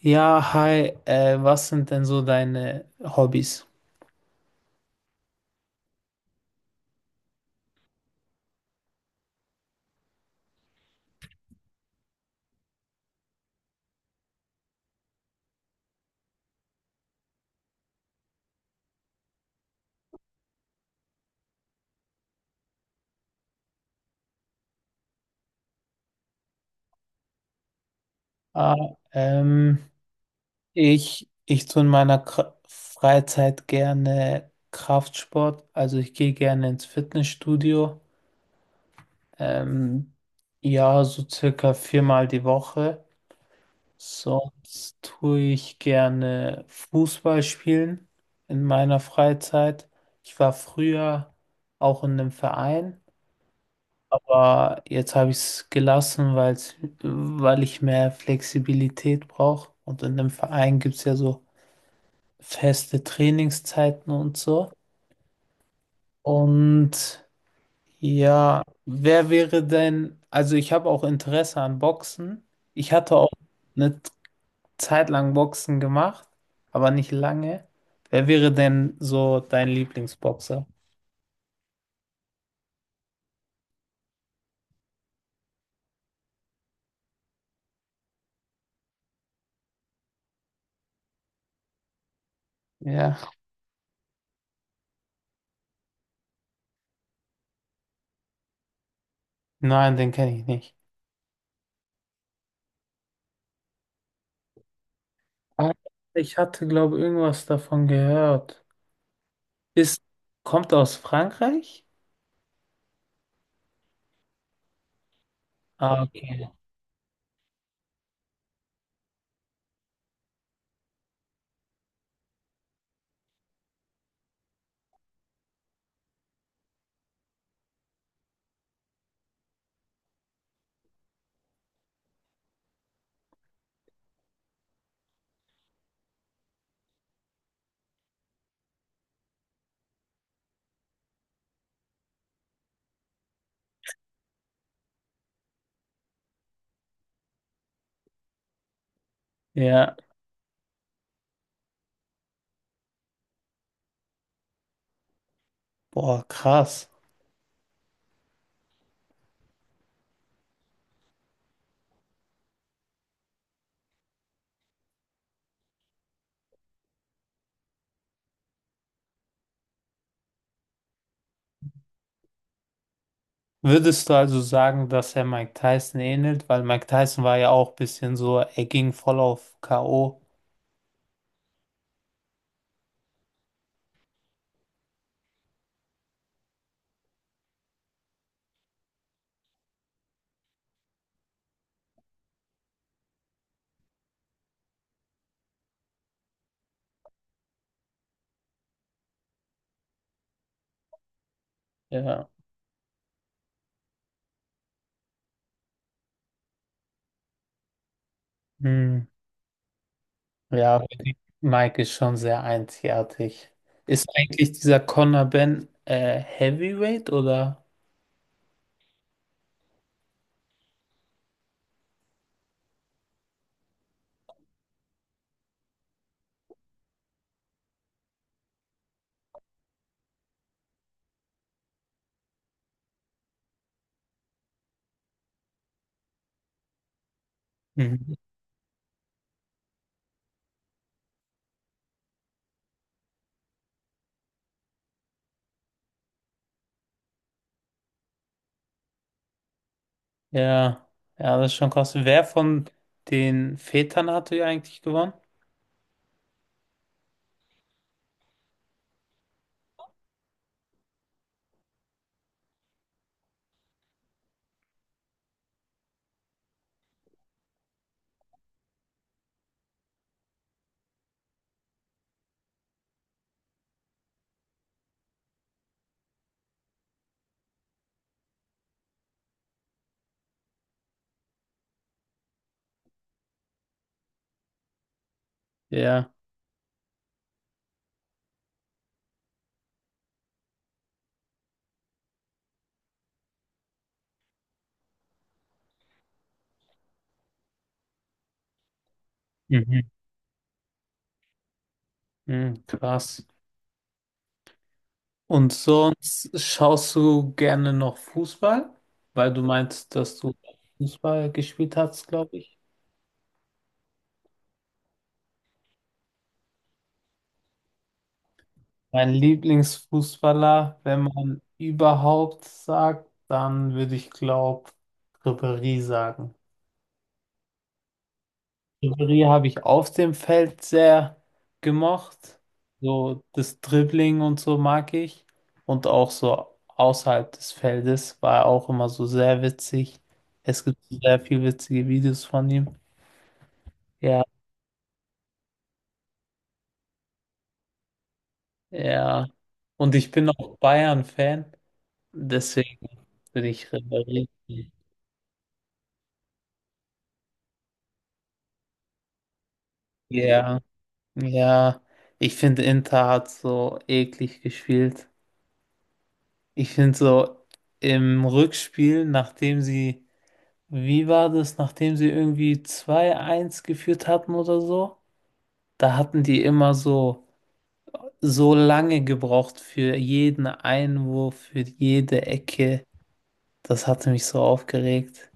Ja, hi, was sind denn so deine Hobbys? Ah, ähm, ich tue in meiner Kra Freizeit gerne Kraftsport, also ich gehe gerne ins Fitnessstudio, ähm, ja, so circa viermal die Woche. Sonst tue ich gerne Fußball spielen in meiner Freizeit. Ich war früher auch in einem Verein. Aber jetzt habe ich es gelassen, weil ich mehr Flexibilität brauche. Und in dem Verein gibt es ja so feste Trainingszeiten und so. Und ja, wer wäre denn, also ich habe auch Interesse an Boxen. Ich hatte auch eine Zeit lang Boxen gemacht, aber nicht lange. Wer wäre denn so dein Lieblingsboxer? Ja, nein, den kenne ich nicht. Ah, ich hatte, glaube ich, irgendwas davon gehört. Ist, Kommt aus Frankreich? Ah, okay. Ja, boah, krass. Würdest du also sagen, dass er Mike Tyson ähnelt? Weil Mike Tyson war ja auch ein bisschen so, er ging voll auf K.O. Ja. Hm. Ja, okay. Mike ist schon sehr einzigartig. Ist eigentlich dieser Conor Ben Heavyweight oder? Mhm. Ja, ja, das ist schon krass. Wer von den Vätern hat er eigentlich gewonnen? Ja. Mhm. Mhm. Krass. Und sonst schaust du gerne noch Fußball, weil du meinst, dass du Fußball gespielt hast, glaube ich. Mein Lieblingsfußballer, wenn man überhaupt sagt, dann würde ich glaube Ribéry sagen. Ribéry habe ich auf dem Feld sehr gemocht. So das Dribbling und so mag ich. Und auch so außerhalb des Feldes war er auch immer so sehr witzig. Es gibt sehr viel witzige Videos von ihm. Ja. Ja. Und ich bin auch Bayern-Fan, deswegen bin ich Ribéry. Ja, ja. Ich finde, Inter hat so eklig gespielt. Ich finde so im Rückspiel, wie war das, nachdem sie irgendwie 2:1 geführt hatten oder so, da hatten die immer so, so lange gebraucht für jeden Einwurf, für jede Ecke. Das hatte mich so aufgeregt.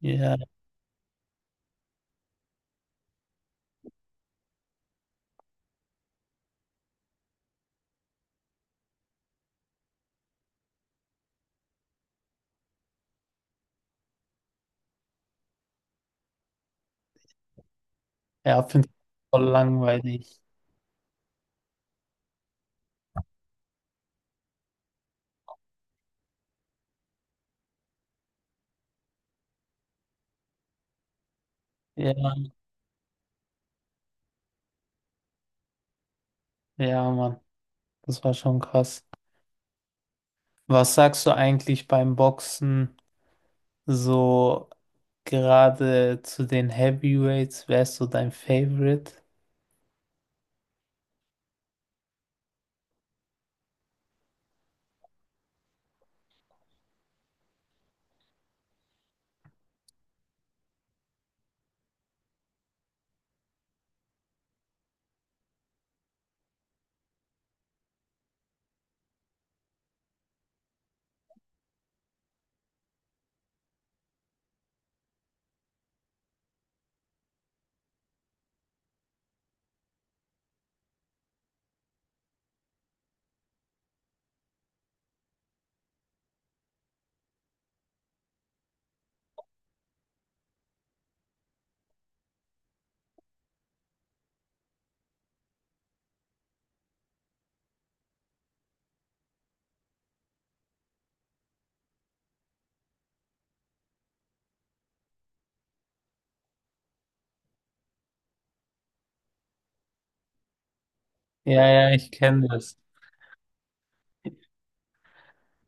Ja. Ja, finde ich voll langweilig. Ja, ja, Mann, das war schon krass. Was sagst du eigentlich beim Boxen so gerade zu den Heavyweights? Wer ist so dein Favorite? Ja, ja, ich kenne das.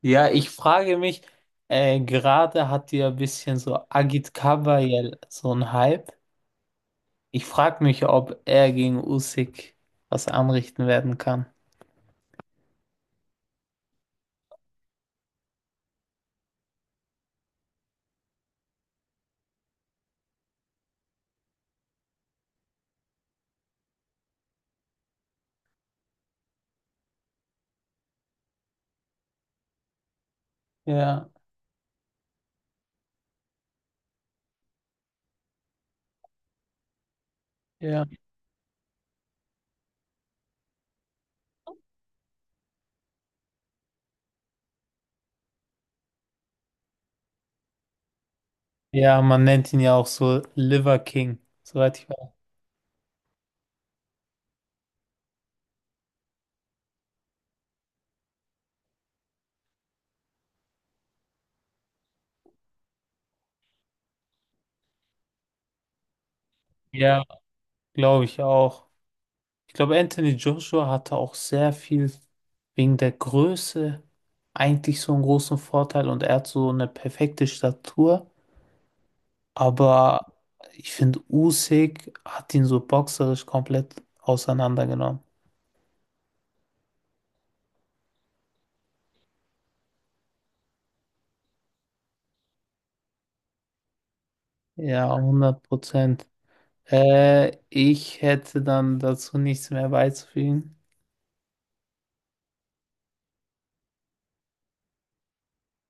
Ja, ich frage mich, gerade hat ja ein bisschen so Agit Kabayel so ein Hype. Ich frage mich, ob er gegen Usyk was anrichten werden kann. Ja, ja. Ja, man nennt ihn ja auch so Liver King, soweit ich weiß. Ja, glaube ich auch. Ich glaube, Anthony Joshua hatte auch sehr viel wegen der Größe eigentlich so einen großen Vorteil und er hat so eine perfekte Statur. Aber ich finde, Usyk hat ihn so boxerisch komplett auseinandergenommen. Ja, 100%. Ich hätte dann dazu nichts mehr beizufügen.